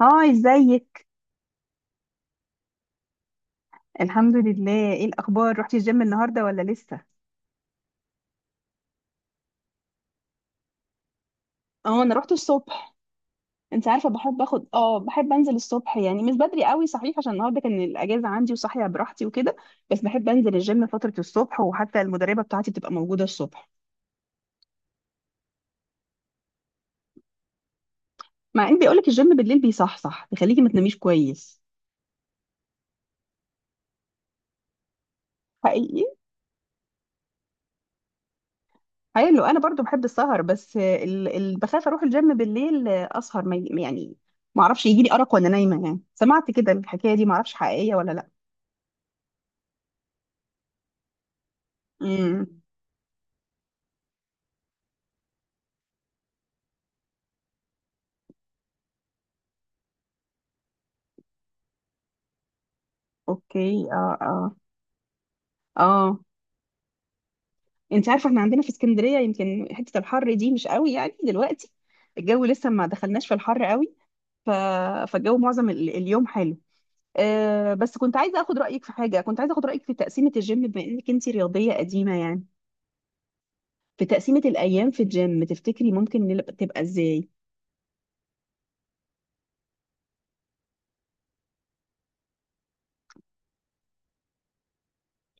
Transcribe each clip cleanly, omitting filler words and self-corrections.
هاي، ازيك؟ الحمد لله، ايه الاخبار؟ رحتي الجيم النهارده ولا لسه؟ اه، انا رحت الصبح. انت عارفه بحب اخد بحب انزل الصبح، يعني مش بدري قوي، صحيح، عشان النهارده كان الاجازه عندي وصاحيه براحتي وكده. بس بحب انزل الجيم فتره الصبح، وحتى المدربه بتاعتي بتبقى موجوده الصبح. مع ان بيقولك الجيم بالليل بيصحصح، بيخليكي ما تناميش كويس. حقيقي. حلو. انا برضو بحب السهر، بس بخاف اروح الجيم بالليل اسهر ما... ي- يعني ما اعرفش يجي لي ارق وانا نايمه. يعني سمعت كده الحكايه دي، ما اعرفش حقيقيه ولا لا. امم اوكي، اه اه. اه، انت عارفه احنا عندنا في اسكندريه يمكن حته الحر دي مش قوي يعني دلوقتي، الجو لسه ما دخلناش في الحر قوي. ف... فالجو معظم اليوم حلو. آه بس كنت عايزه اخد رايك في حاجه، كنت عايزه اخد رايك في تقسيمه الجيم، بما انك انت رياضيه قديمه يعني. في تقسيمه الايام في الجيم، تفتكري ممكن تبقى ازاي؟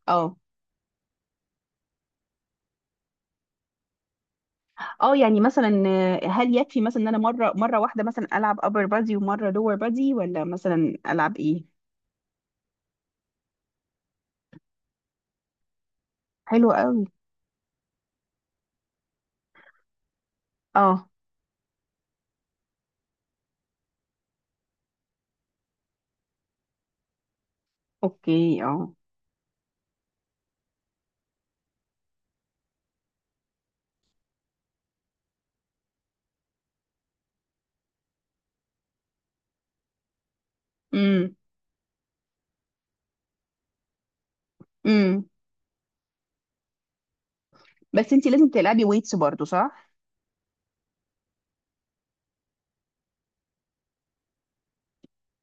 اه اه، يعني مثلا آه، هل يكفي مثلا ان انا مره واحده مثلا العب upper body ومره lower body، ولا مثلا العب ايه؟ حلو قوي، اه، اوكي، اه، امم، امم. بس انت لازم تلعبي ويتس برضو، صح؟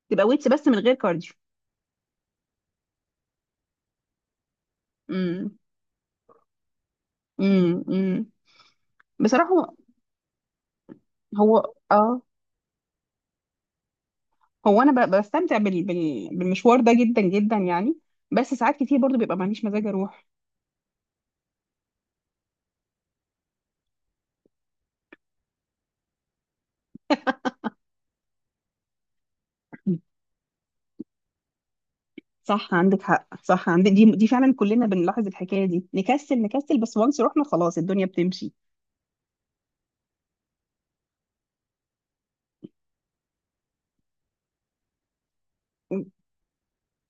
تبقى ويتس بس من غير كارديو؟ امم، امم، امم. بصراحه هو، اه، هو انا بستمتع بالمشوار ده جدا جدا يعني. بس ساعات كتير برضو بيبقى معليش مزاج اروح. صح، عندك حق، صح، عندك، دي فعلا كلنا بنلاحظ الحكايه دي، نكسل بس، وانس رحنا خلاص الدنيا بتمشي.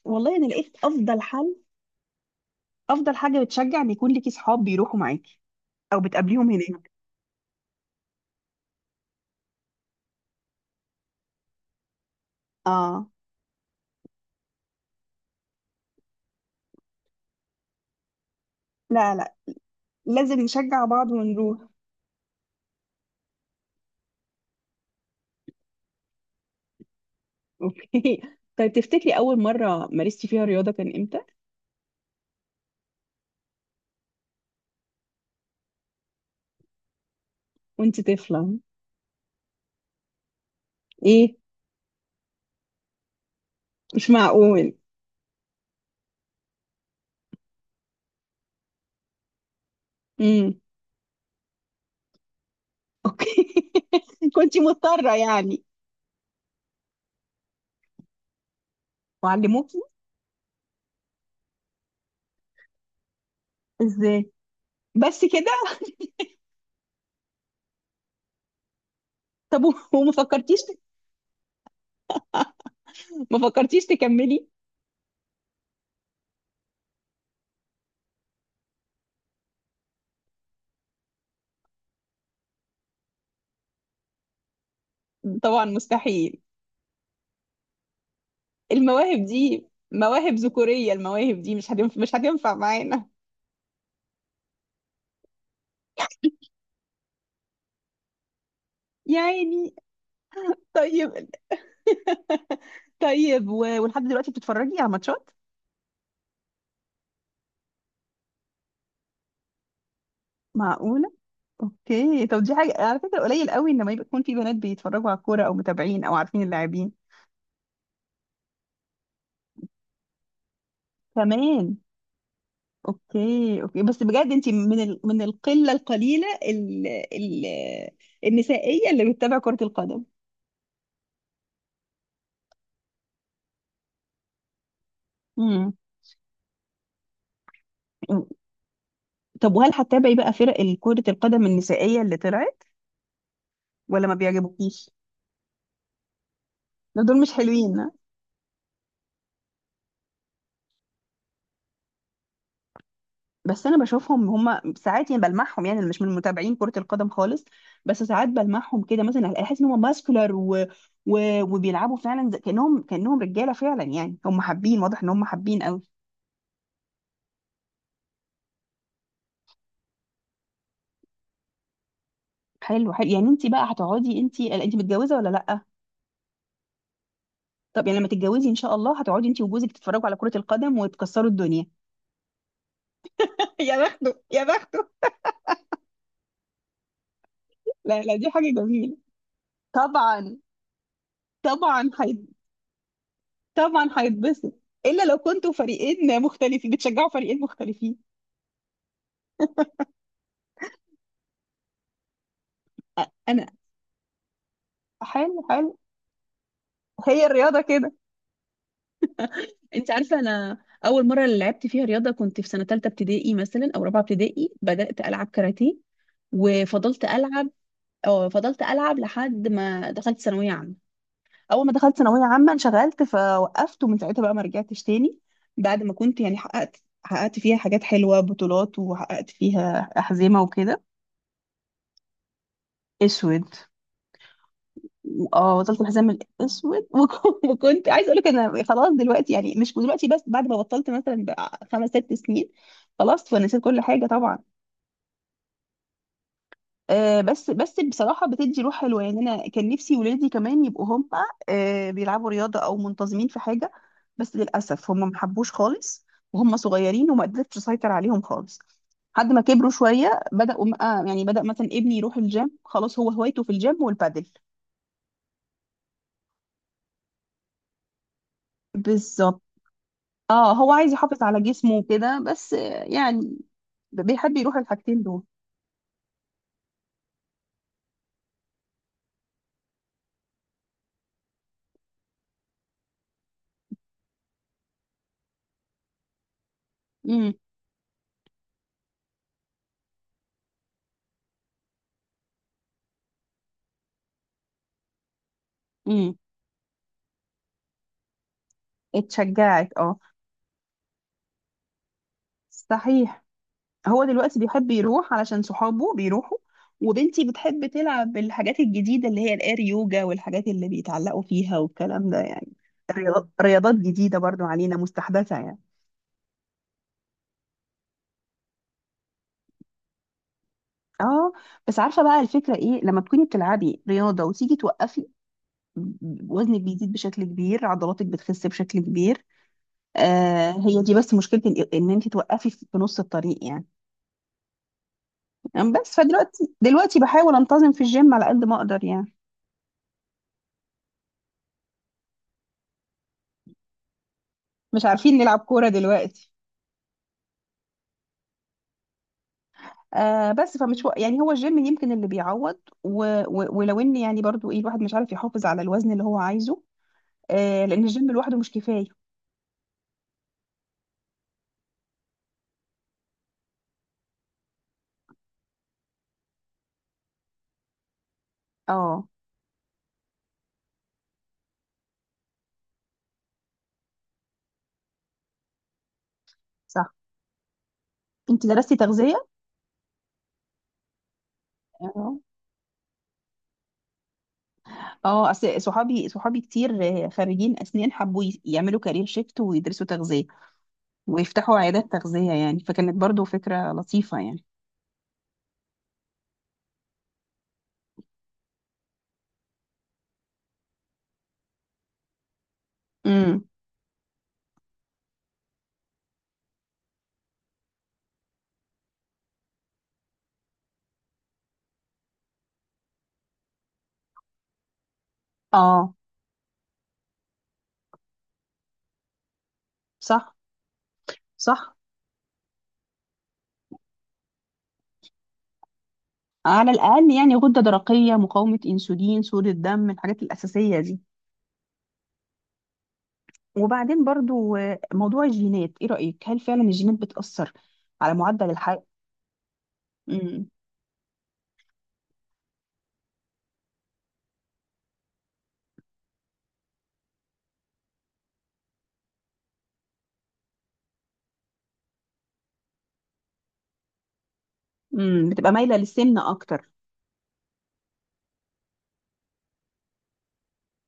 والله انا لقيت افضل حل، افضل حاجه بتشجع ان يكون ليكي صحاب بيروحوا معاكي او بتقابليهم هناك. اه، لا لا، لازم نشجع بعض ونروح. اوكي. طيب، تفتكري اول مره مارستي فيها رياضه كان امتى؟ وانت طفله؟ ايه؟ مش معقول! امم. اوكي. كنت مضطره يعني. وعلموكي ازاي؟ بس كده؟ طب وما فكرتيش، ما فكرتيش تكملي؟ طبعا مستحيل. المواهب دي مواهب ذكوريه، المواهب دي مش هتنفع، مش هتنفع معانا يعني. طيب، طيب، ولحد دلوقتي بتتفرجي على ماتشات؟ معقول. اوكي، طب دي حاجة على فكرة قليل قوي ان ما يكون في بنات بيتفرجوا على الكورة او متابعين او عارفين اللاعبين. كمان. اوكي اوكي، بس بجد انت من من القلة القليلة النسائية اللي بتتابع كرة القدم. امم. طب وهل هتتابعي بقى فرق كرة القدم النسائية اللي طلعت، ولا ما بيعجبوكيش؟ لا، دول مش حلوين. بس انا بشوفهم هم ساعات، يعني بلمحهم، يعني انا مش من متابعين كرة القدم خالص، بس ساعات بلمحهم كده، مثلا احس ان هم ماسكولار وبيلعبوا فعلا كانهم، كانهم رجالة فعلا يعني. هم حابين، واضح ان هم حابين قوي. حلو حلو. يعني انت بقى هتقعدي انت انت متجوزة ولا لا؟ طب يعني لما تتجوزي ان شاء الله هتقعدي انت وجوزك تتفرجوا على كرة القدم وتكسروا الدنيا. يا بخته، يا بخته. لا لا، دي حاجة جميلة. طبعا. طبعا هي... طبعا هيتبسط. الا لو كنتوا فريقين مختلفين، بتشجعوا فريقين مختلفين. انا. حلو حلو. هي الرياضه كده. انت عارفه انا اول مره لعبت فيها رياضه كنت في سنه ثالثه ابتدائي مثلا او رابعه ابتدائي، بدات العب كاراتيه وفضلت العب. أو فضلت العب لحد ما دخلت ثانويه عامه. اول ما دخلت ثانويه عامه انشغلت فوقفت، ومن ساعتها بقى ما رجعتش تاني. بعد ما كنت يعني حققت، حققت فيها حاجات حلوه، بطولات، وحققت فيها احزمه وكده. اسود. اه، بطلت الحزام الاسود. وكنت عايز اقول لك انا خلاص دلوقتي، يعني مش دلوقتي بس، بعد ما بطلت مثلا بقى خمس ست سنين، خلاص ونسيت كل حاجه طبعا. آه بس، بس بصراحه بتدي روح حلوه يعني. انا كان نفسي ولادي كمان يبقوا هم آه بيلعبوا رياضه او منتظمين في حاجه، بس للاسف هم ما حبوش خالص، وهم صغيرين وما قدرتش اسيطر عليهم خالص. لحد ما كبروا شويه بداوا آه، يعني بدا مثلا ابني يروح الجيم، خلاص هو هوايته في الجيم والبادل. بالظبط. اه، هو عايز يحافظ على جسمه وكده، بس آه، يعني بيحب يروح الحاجتين دول. امم، امم. اتشجعت. اه، صحيح. هو دلوقتي بيحب يروح علشان صحابه بيروحوا. وبنتي بتحب تلعب الحاجات الجديدة اللي هي الاير يوجا، والحاجات اللي بيتعلقوا فيها والكلام ده يعني. رياضات جديدة برضو علينا، مستحدثة يعني. اه. بس عارفة بقى الفكرة ايه؟ لما تكوني بتلعبي رياضة وتيجي توقفي، وزنك بيزيد بشكل كبير، عضلاتك بتخس بشكل كبير. آه، هي دي بس مشكلتي، ان انت توقفي في نص الطريق يعني. أم بس دلوقتي بحاول انتظم في الجيم على قد ما اقدر يعني. مش عارفين نلعب كورة دلوقتي. آه بس، يعني هو الجيم يمكن اللي بيعوض، و و ولو ان يعني برضو، ايه، الواحد مش عارف يحافظ على الوزن اللي هو عايزه. آه، لان الجيم لوحده مش كفاية. اه، صح. انت درستي تغذية؟ اه. اه، اصل صحابي كتير آه، خريجين اسنان، حبوا يعملوا كارير شيفت ويدرسوا تغذية، ويفتحوا عيادات تغذية يعني، فكانت برضو فكرة لطيفة يعني. امم. اه، صح صح. على الأقل يعني غدة درقية، مقاومة أنسولين، سوء الدم، الحاجات الأساسية دي. وبعدين برضو آه، موضوع الجينات، إيه رأيك؟ هل فعلا الجينات بتأثر على معدل الحياة؟ امم، امم. بتبقى مايلة للسمنة أكتر.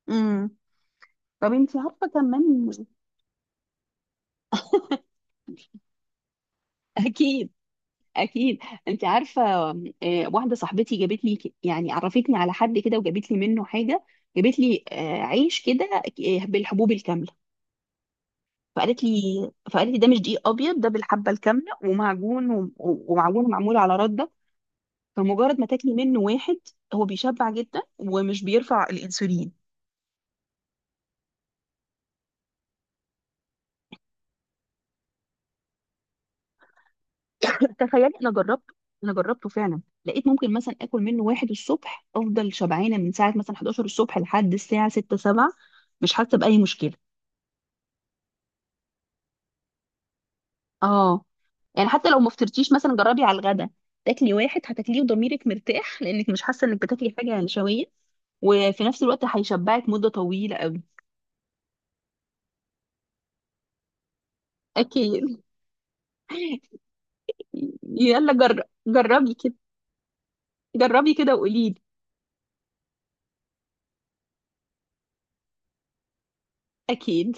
امم. طب أنت عارفة كمان. أكيد، اكيد. انت عارفه آه، واحده صاحبتي جابت لي يعني عرفتني على حد كده، وجابت لي منه حاجه، جابت لي آه، عيش كده آه، بالحبوب الكامله، فقالت لي، فقالت لي ده مش دقيق ابيض، ده بالحبه الكامله ومعجون، ومعجون معمول على رده. فمجرد ما تاكلي منه واحد هو بيشبع جدا ومش بيرفع الانسولين. تخيلي انا جربته، انا جربته فعلا، لقيت ممكن مثلا اكل منه واحد الصبح افضل شبعانه من ساعه مثلا 11 الصبح لحد الساعه 6 7، مش حاسه باي مشكله. اه، يعني حتى لو ما فطرتيش مثلا جربي على الغدا، تاكلي واحد هتاكليه وضميرك مرتاح لانك مش حاسه انك بتاكلي حاجه نشويه، وفي نفس الوقت هيشبعك مده طويله قوي. اكيد. يلا جربي كده، جربي كده وقولي لي. اكيد.